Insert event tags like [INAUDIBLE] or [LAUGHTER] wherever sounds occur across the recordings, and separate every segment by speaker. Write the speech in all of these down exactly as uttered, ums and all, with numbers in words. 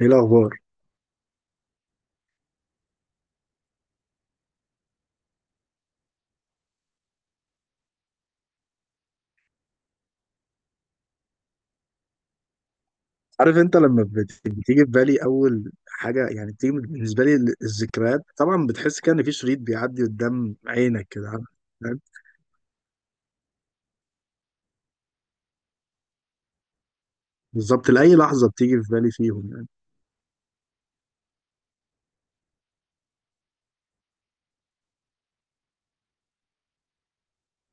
Speaker 1: ايه الاخبار. عارف انت لما بت- بتيجي في بالي اول حاجه، يعني بتيجي بالنسبه لي ال- الذكريات طبعا، بتحس كده ان في شريط بيعدي قدام عينك كده، عارف؟ فاهم؟ بالظبط، لاي لحظه بتيجي في بالي فيهم يعني.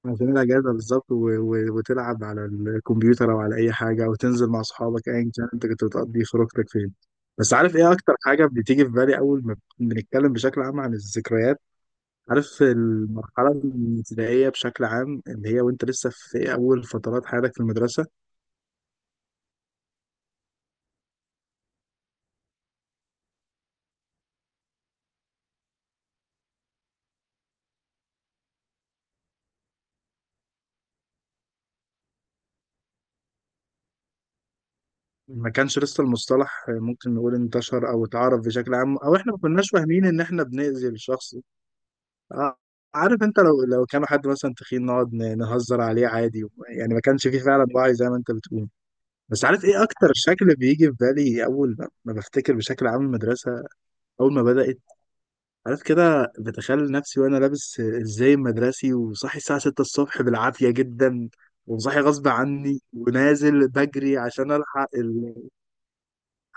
Speaker 1: عشان الاجازه بالظبط، و... و... وتلعب على الكمبيوتر او على اي حاجه، او تنزل مع اصحابك، ايا كان انت كنت بتقضي خروجتك فين. بس عارف ايه اكتر حاجه بتيجي في بالي اول ما بنتكلم بشكل عام عن الذكريات؟ عارف المرحله الابتدائيه بشكل عام، اللي هي وانت لسه في اول فترات حياتك في المدرسه. ما كانش لسه المصطلح، ممكن نقول انتشر او اتعرف بشكل عام، او احنا ما كناش فاهمين ان احنا بنأذي الشخص. ع- عارف انت لو لو كان حد مثلا تخين نقعد ن- نهزر عليه عادي. يعني ما كانش فيه فعلا وعي زي ما انت بتقول. بس عارف ايه اكتر شكل بيجي في بالي اول ما ما بفتكر بشكل عام المدرسه؟ اول ما بدأت، عارف كده بتخيل نفسي وانا لابس ازاي المدرسي، وصاحي الساعه سته الصبح بالعافيه جدا، وصاحي غصب عني ونازل بجري عشان الحق ال...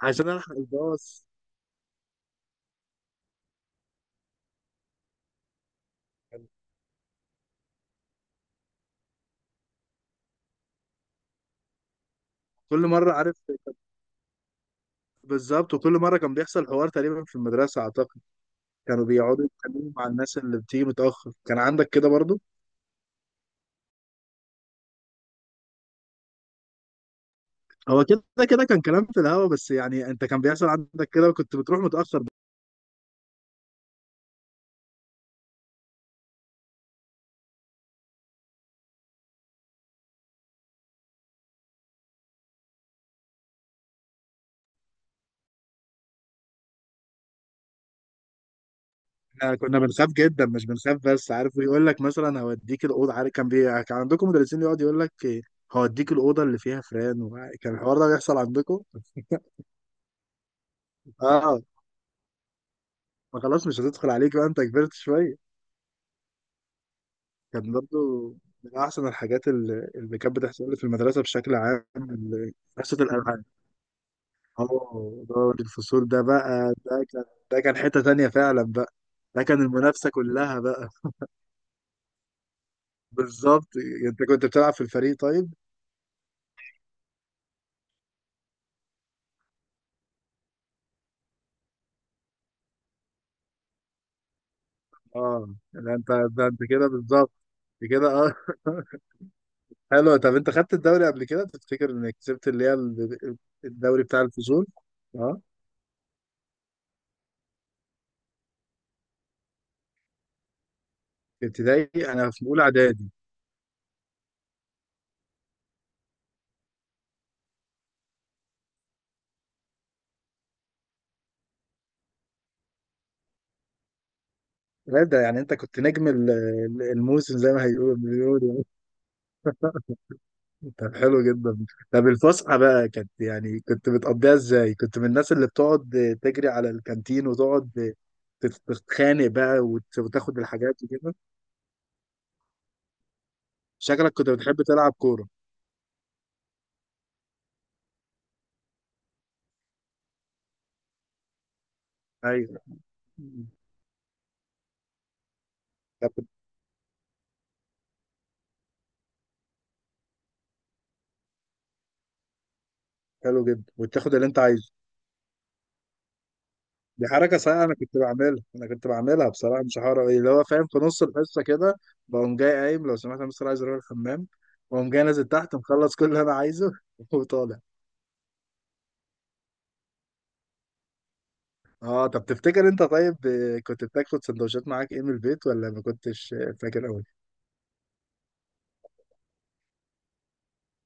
Speaker 1: عشان الحق الباص. كل مرة، عارف، بالظبط، وكل مرة كان بيحصل حوار تقريبا في المدرسة أعتقد. كانوا بيقعدوا يتكلموا مع الناس اللي بتيجي متأخر، كان عندك كده برضو؟ هو كده. كده كان كلام في الهوا، بس يعني أنت كان بيحصل عندك كده وكنت بتروح متأخر. احنا كنا بنخاف جدا، مش بنخاف بس، عارف ويقول لك مثلا هوديك الأوضة، عارف كان بي... كان عندكم مدرسين يقعد يقول لك إيه، هوديك الأوضة اللي فيها فران؟ وكان الحوار ده بيحصل عندكم؟ اه. ما خلاص مش هتدخل عليك بقى، أنت كبرت شوية. كان برضو من أحسن الحاجات اللي اللي كانت بتحصل لي في المدرسة بشكل عام، ال- حصة الألعاب. اه دوري الفصول، ده بقى ده كان، ده كان حتة تانية فعلا بقى، ده كان المنافسة كلها بقى. بالظبط. أنت كنت بتلعب في الفريق طيب؟ اه لا أنت، ده أنت كده بالظبط، أنت كده اه. [LAUGHS] حلو. طب أنت خدت الدوري قبل كده؟ تفتكر إنك كسبت اللي هي ال- الدوري بتاع الفصول؟ اه في ابتدائي، أنا في أولى إعدادي. لا ده يعني انت كنت نجم ال- ال- الموسم زي ما هيقول بيقولوا. طب حلو جدا. طب الفسحه بقى كانت يعني كنت بتقضيها ازاي؟ كنت من الناس اللي بتقعد تجري على الكانتين وتقعد تت- تتخانق بقى وت- وتاخد الحاجات وكده؟ شكلك كنت بتحب تلعب كوره. ايوه. طب حلو جدا، وتاخد اللي انت عايزه. دي حركة صحيحة، أنا كنت بعملها، أنا كنت بعملها بصراحة، مش هحاول أقول إيه، اللي هو فاهم، في نص الحصة كده بقوم جاي، قايم لو سمحت أنا بس عايز أروح الحمام، بقوم جاي نازل تحت مخلص كل اللي أنا عايزه، [LAUGHS] وطالع. أه طب تفتكر أنت طيب، آه، كنت بتاخد سندوتشات معاك إيه من البيت، ولا ما كنتش آه، فاكر أوي؟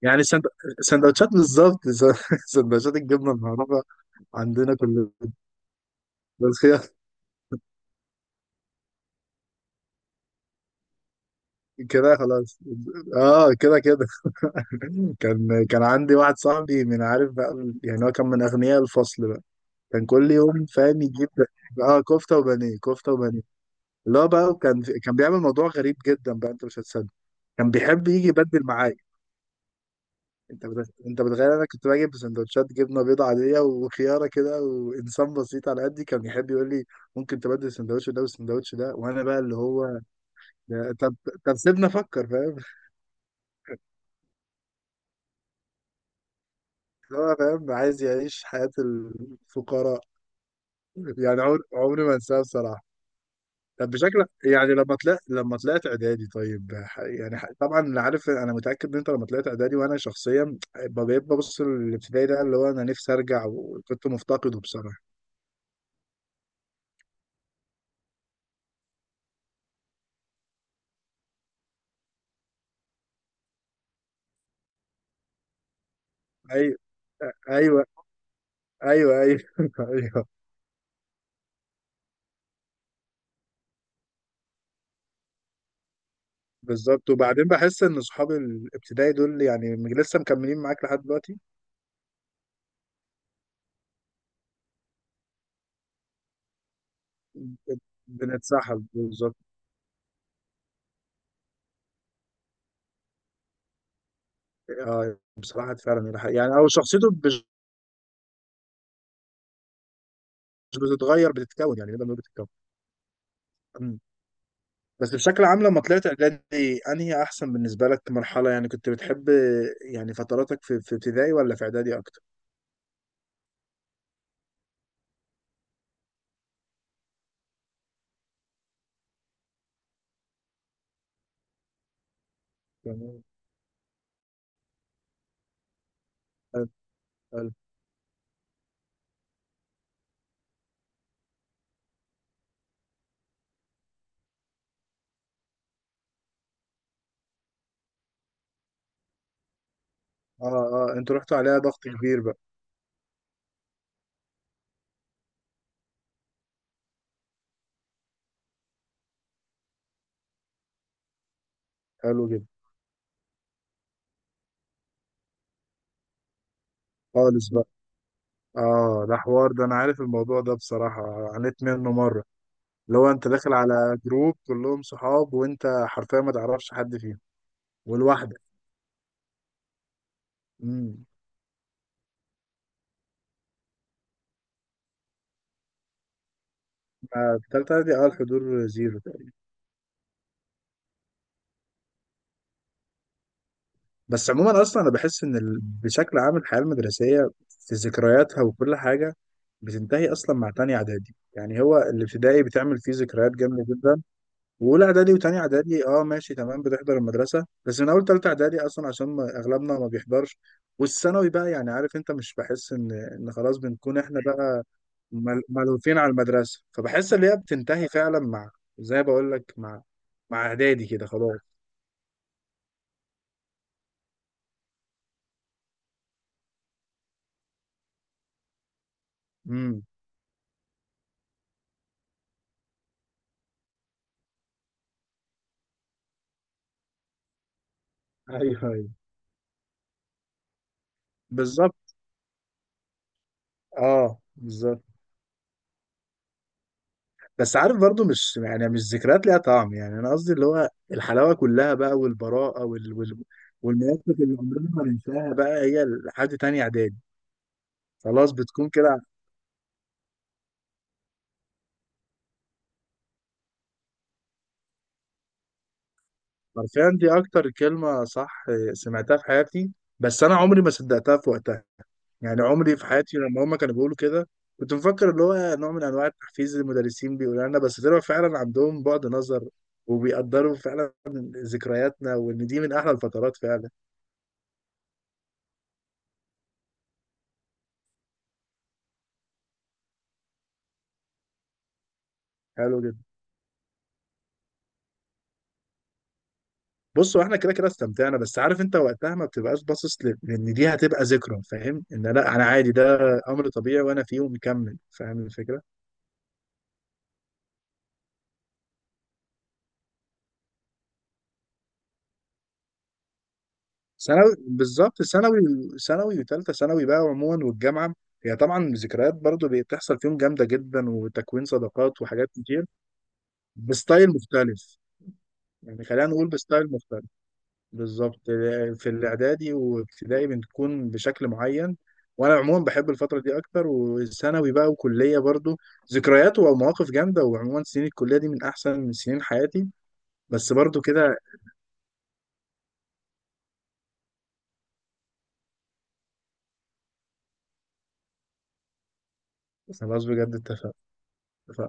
Speaker 1: يعني السند- السندوتشات بالظبط، [LAUGHS] سندوتشات الجبنة المعروفة عندنا كلنا. بس هي كده خلاص، أه كده كده. [LAUGHS] كان كان عندي واحد صاحبي من، عارف بقى يعني، هو كان من أغنياء الفصل، كان كل يوم فاهم يجيب. اه كفته وبانيه، كفته وبانيه. لا بقى كان كان بيعمل موضوع غريب جدا بقى، انت مش هتصدق. كان بيحب يجي يبدل معايا. انت بت... انت بتخيل انا كنت باجي بسندوتشات جبنه بيضه عاديه وخياره كده، وانسان بسيط على قدي، كان يحب يقول لي ممكن تبدل السندوتش ده والسندوتش ده، وانا بقى اللي هو. ده- طب، طب سيبنا افكر فاهم. اللي هو فاهم عايز يعيش حياه الفقراء. يعني عمر... عمري ما انساها بصراحه. طب بشكل يعني لما طلعت، لما طلعت اعدادي طيب، ح- يعني ح- طبعا اللي عارف انا متاكد ان انت لما طلعت اعدادي، وانا شخصيا ب- بقيت ببص للابتدائي ده اللي هو انا نفسي ارجع، وكنت مفتقده بصراحه. ايوه، ايوه، ايوه، ايوه، [LAUGHS] ايوه بالظبط. وبعدين بحس ان صحاب الابتدائي دول يعني، م- لسه مكملين معاك لحد دلوقتي. بنتسحب بالظبط. اه بصراحه فعلا يعني، او شخصيته مش، مش بتتغير، بتتكون، يعني نقدر نقول بتتكون. إمم. بس بشكل عام لما طلعت اعدادي انهي احسن بالنسبه لك مرحله، يعني كنت بتحب، يعني فتراتك في في ابتدائي ولا في اعدادي اكتر؟ يعني. حلو، حلو. اه، اه انتوا رحتوا عليها ضغط كبير بقى. حلو جدا. خالص بقى. اه ده حوار، ده انا عارف الموضوع ده بصراحه، عانيت منه مره. اللي هو انت داخل على جروب كلهم صحاب وانت حرفيا ما تعرفش حد فيهم، ولوحدك. امم. آه، في تالتة اعدادي اه الحضور زيرو. بس عموما اصلا انا بحس ان ال... بشكل عام الحياه المدرسيه في ذكرياتها وكل حاجه بتنتهي اصلا مع تانية اعدادي. يعني هو الابتدائي بتعمل فيه ذكريات جامده جدا، واولى اعدادي وتانية اعدادي اه ماشي تمام بتحضر المدرسه، بس من اول تالتة اعدادي اصلا عشان ما اغلبنا ما بيحضرش. والثانوي بقى يعني، عارف انت، مش بحس ان ان خلاص بنكون احنا بقى مل- ملهوفين على المدرسه، فبحس ان هي بتنتهي فعلا مع، زي ما بقول لك، مع مع اعدادي كده خلاص. امم. ايوه، ايوه بالظبط، اه بالظبط. بس عارف برضو مش يعني مش ذكريات ليها طعم، يعني انا قصدي اللي هو الحلاوه كلها بقى، والبراءه وال... وال... والمواقف اللي عمرنا ما ننساها بقى، هي لحد تاني اعدادي. خلاص بتكون كده. حرفيا دي اكتر كلمه صح سمعتها في حياتي، بس انا عمري ما صدقتها في وقتها. يعني عمري في حياتي لما هما كانوا بيقولوا كده كنت مفكر اللي هو نوع من انواع التحفيز اللي المدرسين بيقولوا لنا، بس طلعوا فعلا عندهم بعد نظر، وبيقدروا فعلا ذكرياتنا، وان دي من احلى الفترات فعلا. حلو جدا. بص هو احنا كده كده استمتعنا، بس عارف انت وقتها ما بتبقاش باصص ل- لان دي هتبقى ذكرى، فاهم ان لا انا عادي ده امر طبيعي وانا فيه ومكمل، فاهم الفكره. ثانوي بالظبط، ثانوي. ثانوي وثالثه ثانوي بقى عموما، والجامعه هي طبعا ذكريات برضو بي- بتحصل فيهم جامده جدا، وتكوين صداقات وحاجات كتير. بستايل مختلف. يعني خلينا نقول بستايل مختلف، بالظبط. في الاعدادي وابتدائي بتكون بشكل معين، وانا عموما بحب الفتره دي اكتر. وثانوي بقى وكليه برضو ذكريات ومواقف جامده، وعموما سنين الكليه دي من احسن من سنين حياتي. بس برضو كده. خلاص بجد اتفقنا. اتفقنا.